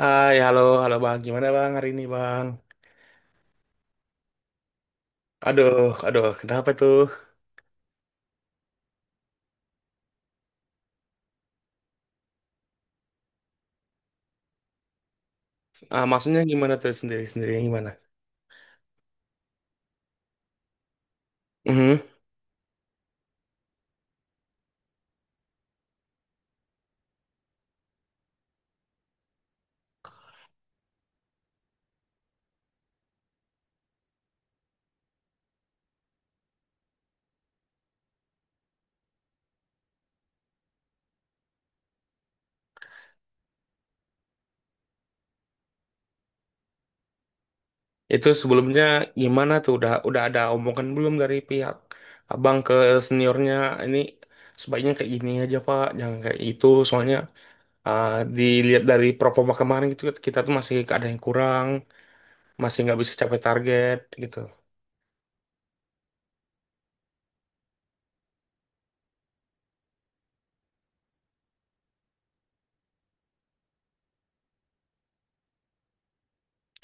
Hai, halo, halo Bang. Gimana Bang hari ini Bang? Aduh, aduh, kenapa tuh? Ah, maksudnya gimana tuh sendiri-sendiri gimana? Mhm. Itu sebelumnya gimana tuh? Udah ada omongan belum dari pihak Abang ke seniornya? Ini sebaiknya kayak gini aja Pak, jangan kayak itu. Soalnya ah, dilihat dari performa kemarin gitu, kita tuh masih ada yang kurang, masih nggak bisa capai target gitu.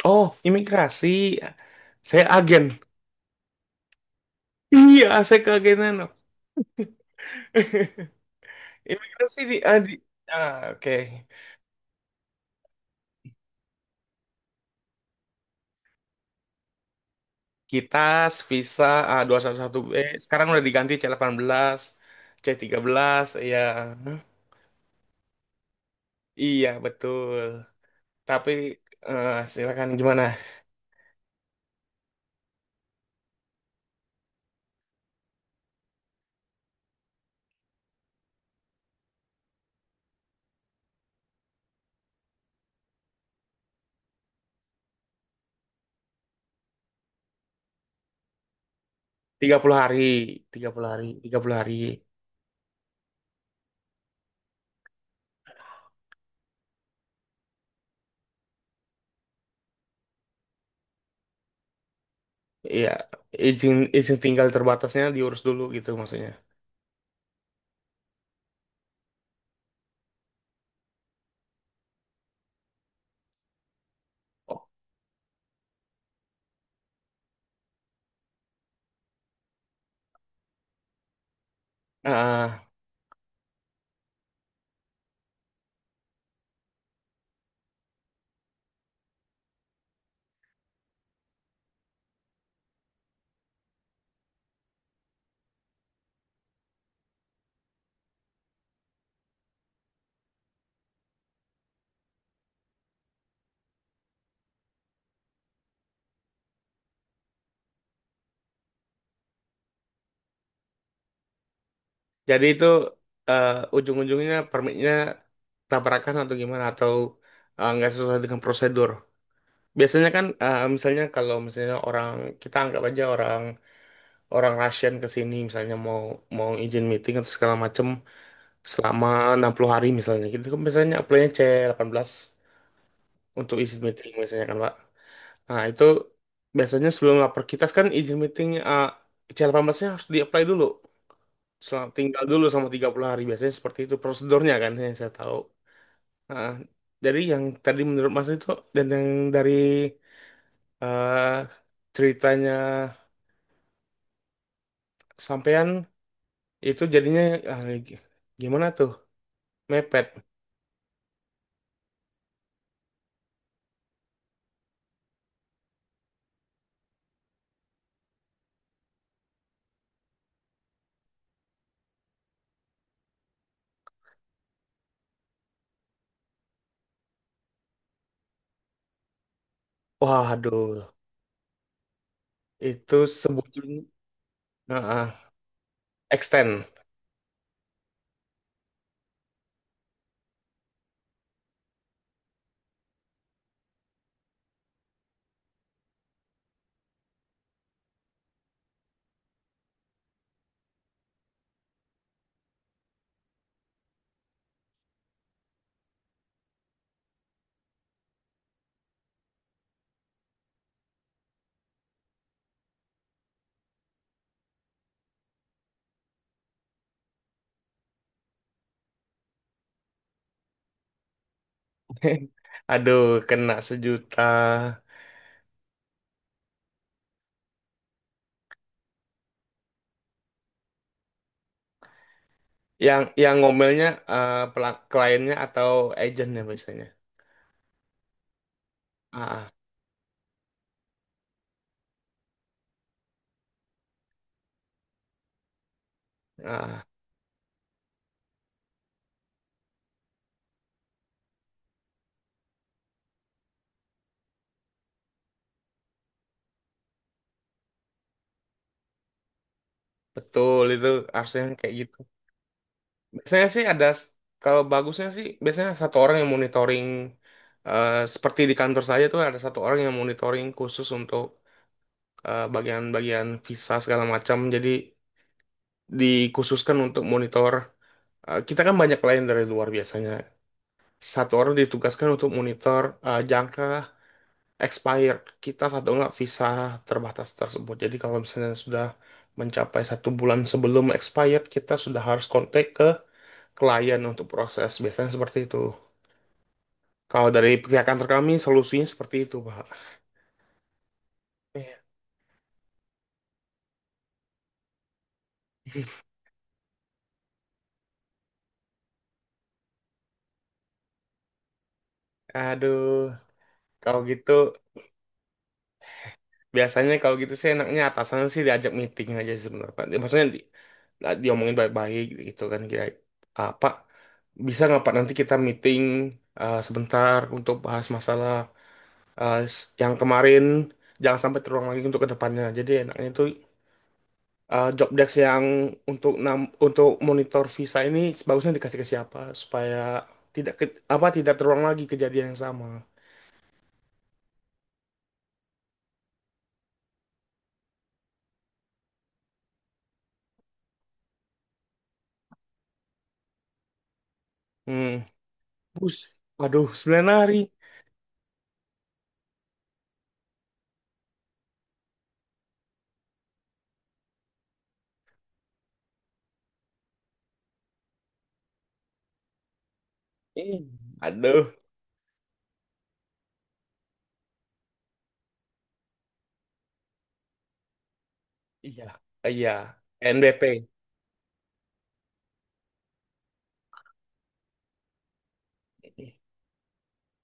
Oh, imigrasi. Saya agen. Iya, saya keagenan. Imigrasi di, oke. Kitas, visa A211B. Sekarang udah diganti C18, C13 ya. Iya, betul. Tapi silakan gimana? 30 hari, 30 hari, 30 hari. Iya, izin izin tinggal terbatasnya diurus dulu gitu maksudnya. Ah, jadi itu eh, ujung-ujungnya permitnya tabrakan atau gimana atau nggak sesuai dengan prosedur. Biasanya kan misalnya kalau misalnya orang kita anggap aja orang orang Russian ke sini misalnya mau mau izin meeting atau segala macem selama 60 hari misalnya gitu kan biasanya apply-nya C18 untuk izin meeting biasanya kan Pak. Nah, itu biasanya sebelum lapor kita kan izin meeting, C18-nya harus di-apply dulu. Selama tinggal dulu sama 30 hari biasanya seperti itu prosedurnya kan yang saya tahu. Nah, dari yang tadi menurut Mas itu dan yang dari eh, ceritanya kesampean itu jadinya ah, gi- gimana tuh? Mepet. Waduh, itu sebujur. Nah, extend. Aduh, kena 1 juta. Yang ngomelnya, kliennya atau agentnya biasanya. Ah, ah, ah, betul itu, harusnya kayak gitu. Biasanya sih ada, kalau bagusnya sih biasanya satu orang yang monitoring, seperti di kantor saya tuh ada satu orang yang monitoring khusus untuk bagian-bagian visa segala macam. Jadi dikhususkan untuk monitor. Eh, kita kan banyak klien dari luar biasanya. Satu orang ditugaskan untuk monitor, jangka expired kita satu enggak visa terbatas tersebut. Jadi kalau misalnya sudah mencapai satu bulan sebelum expired, kita sudah harus kontak ke klien untuk proses. Biasanya seperti itu. Kalau dari pihak kantor kami, solusinya seperti itu, Pak. Iya. Aduh, kalau gitu biasanya kalau gitu sih enaknya atasan sih diajak meeting aja sih sebenarnya Pak. Maksudnya di, nah, diomongin baik-baik gitu kan, kira apa bisa nggak Pak nanti kita meeting sebentar untuk bahas masalah, yang kemarin jangan sampai terulang lagi untuk kedepannya, jadi enaknya itu job desk yang untuk monitor visa ini sebagusnya dikasih ke siapa supaya tidak ke- apa tidak terulang lagi kejadian yang sama. Hmm, bus, waduh, 9 hari. Ih, aduh. Iya, iya. NBP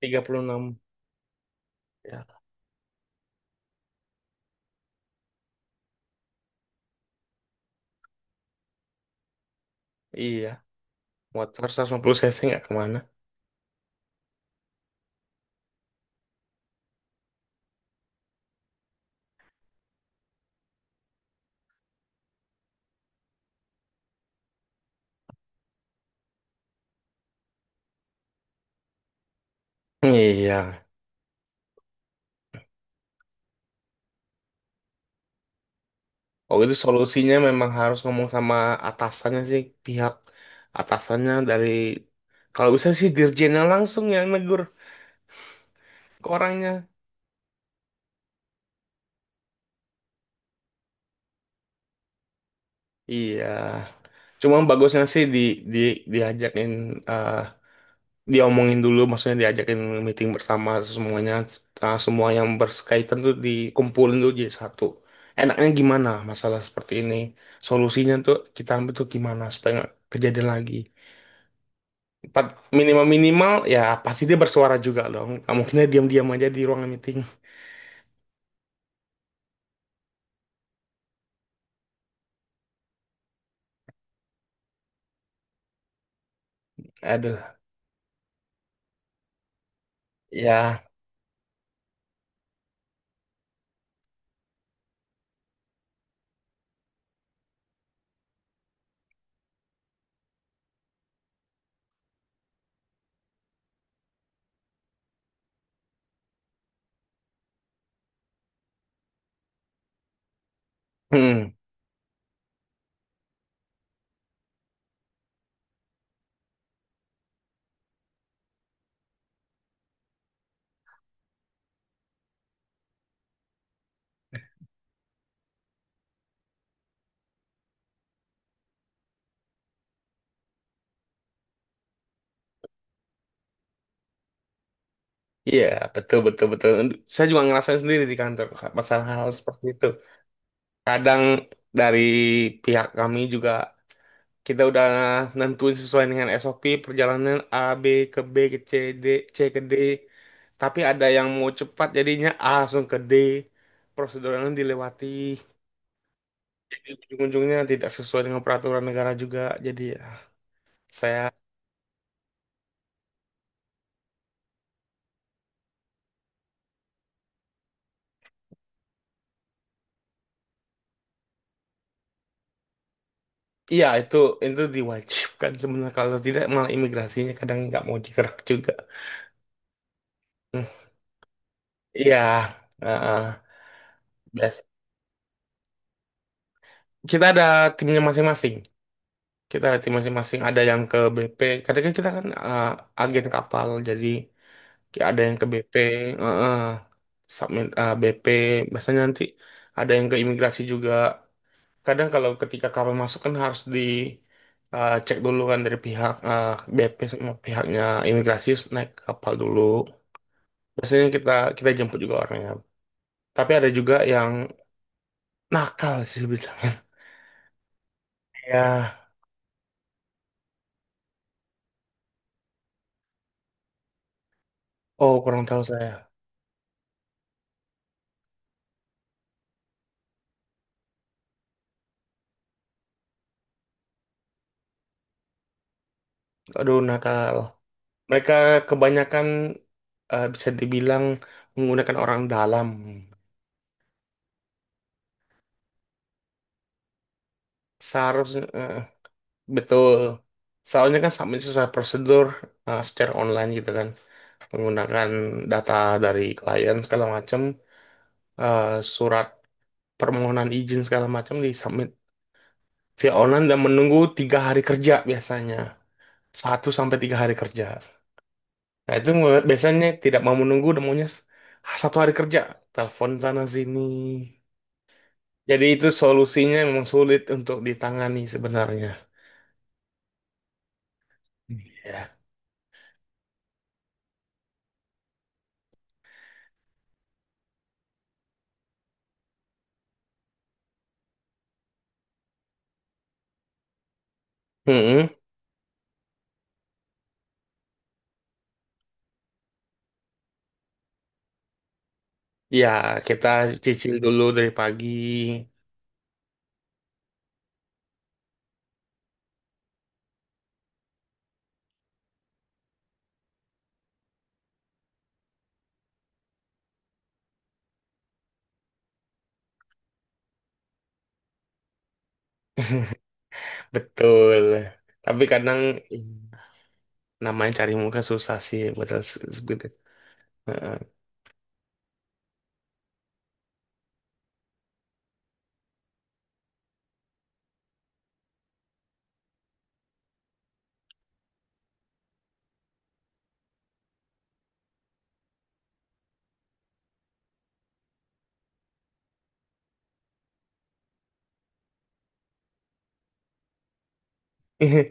enam. Ya. Iya, motor 150 cc nggak kemana. Iya. Oh, itu solusinya memang harus ngomong sama atasannya sih, pihak atasannya dari, kalau bisa sih dirjennya langsung yang negur ke orangnya. Iya. Cuma bagusnya sih di diajakin, eh, diomongin dulu, maksudnya diajakin meeting bersama semuanya. Nah, semua yang berkaitan tuh dikumpulin dulu jadi satu, enaknya gimana masalah seperti ini, solusinya tuh kita ambil tuh gimana supaya nggak kejadian lagi. Minimal minimal ya, pasti dia bersuara juga dong, nggak mungkin dia diam-diam aja di ruangan meeting. Aduh, ya. Hmm. Iya, betul, betul, betul. Saya juga ngerasain sendiri di kantor, Kak, masalah hal seperti itu. Kadang dari pihak kami juga, kita udah nentuin sesuai dengan SOP perjalanan A B ke C D, C ke D, tapi ada yang mau cepat jadinya A langsung ke D, prosedurnya dilewati, jadi ujung-ujungnya tidak sesuai dengan peraturan negara juga. Jadi ya, saya. Iya, itu diwajibkan sebenarnya, kalau tidak malah imigrasinya kadang nggak mau digerak juga. Hmm, iya, heeh. Biasa, kita ada timnya masing-masing, kita ada tim masing-masing, ada yang ke BP kadang, kan kita kan agen kapal jadi kayak ada yang ke BP, uh, uh, submit BP biasanya, nanti ada yang ke imigrasi juga kadang kalau ketika kapal masuk kan harus di cek dulu kan, dari pihak BP sama pihaknya imigrasi, terus naik ke kapal dulu biasanya. Kita kita jemput juga orangnya, tapi ada juga yang nakal sih bisa. Ya, oh kurang tahu saya. Aduh, nakal. Mereka kebanyakan, bisa dibilang menggunakan orang dalam. Seharusnya, betul. Soalnya kan submit sesuai prosedur, secara online gitu kan, menggunakan data dari klien segala macam, eh, surat permohonan izin segala macam di submit via online, dan menunggu 3 hari kerja biasanya, 1 sampai 3 hari kerja. Nah itu biasanya tidak mau menunggu, dan maunya satu hari kerja, telepon sana sini. Jadi itu solusinya memang sulit untuk ditangani sebenarnya. Ya. Mm-mm. Ya, kita cicil dulu dari pagi. Betul. Tapi kadang, mm, namanya cari muka susah sih, betul segitu. Heeh.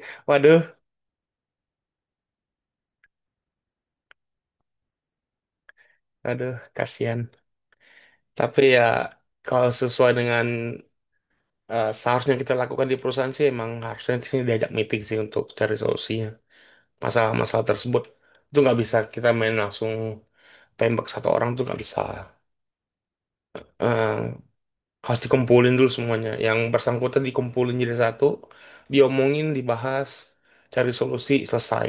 Waduh, aduh, kasihan. Tapi ya kalau sesuai dengan, seharusnya kita lakukan di perusahaan, sih emang harusnya di sini diajak meeting sih untuk cari solusinya masalah-masalah tersebut. Itu nggak bisa kita main langsung tembak satu orang tuh nggak bisa. eh, Harus dikumpulin dulu semuanya. Yang bersangkutan dikumpulin jadi satu, diomongin, dibahas, cari solusi, selesai.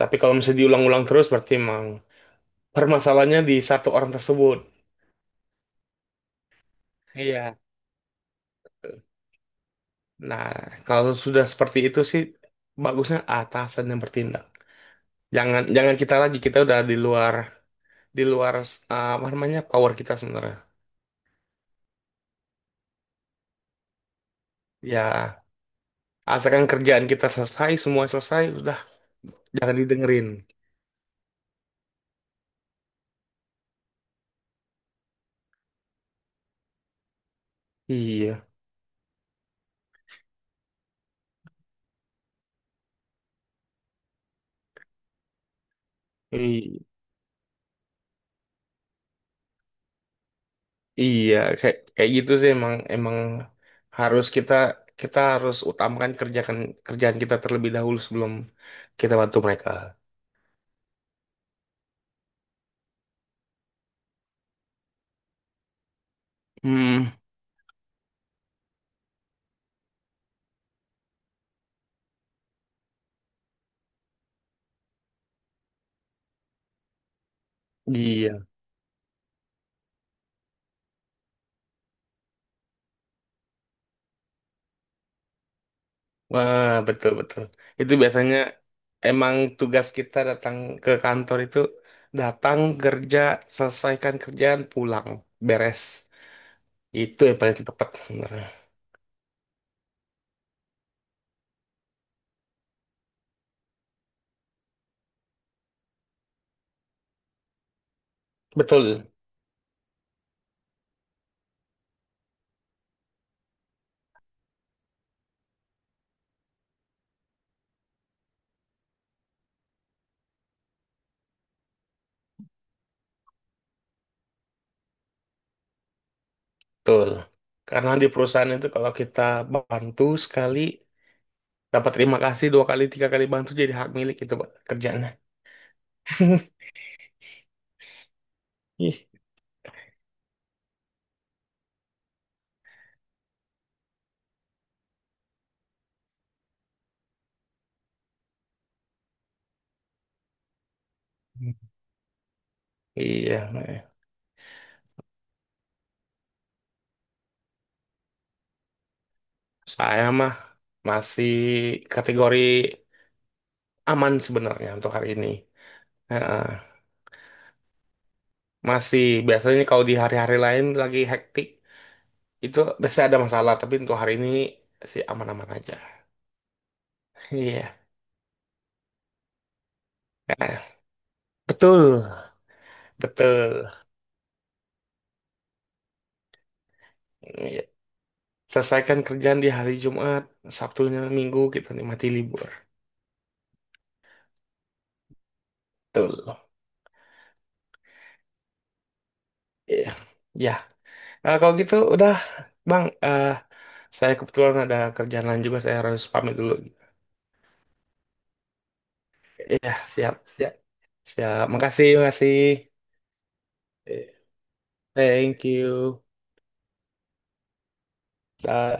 Tapi kalau misalnya diulang-ulang terus, berarti emang permasalahannya di satu orang tersebut. Iya. Nah, kalau sudah seperti itu sih, bagusnya atasan yang bertindak. Jangan jangan kita lagi, kita udah di luar, di luar apa namanya power kita sebenarnya. Ya, asalkan kerjaan kita selesai, semua selesai, udah jangan didengerin. Iya. Iya, kayak kayak gitu sih emang emang harus kita, kita harus utamakan kerjakan kerjaan kita terlebih dahulu sebelum kita bantu mereka. Hmm, iya, wah betul betul. Itu biasanya emang tugas kita datang ke kantor itu, datang kerja, selesaikan kerjaan, pulang, beres. Itu yang paling tepat sebenarnya. Betul betul. Karena di perusahaan itu kalau kita bantu sekali dapat terima kasih, dua kali, tiga kali bantu jadi hak milik itu, Pak, kerjaannya. Ih. Iya, Mbak. Saya mah masih kategori aman sebenarnya untuk hari ini. Heeh. Masih, biasanya kalau di hari-hari lain lagi hektik itu biasanya ada masalah, tapi untuk hari ini sih aman-aman aja. Iya. Eh, betul, betul. Iya. Selesaikan kerjaan di hari Jumat, Sabtunya Minggu kita nikmati libur. Betul. Iya, ya. Nah, kalau gitu udah, Bang. Saya kebetulan ada kerjaan lain juga, saya harus pamit dulu. Iya, siap, siap, siap. Makasih, makasih. Eh, thank you. Dah.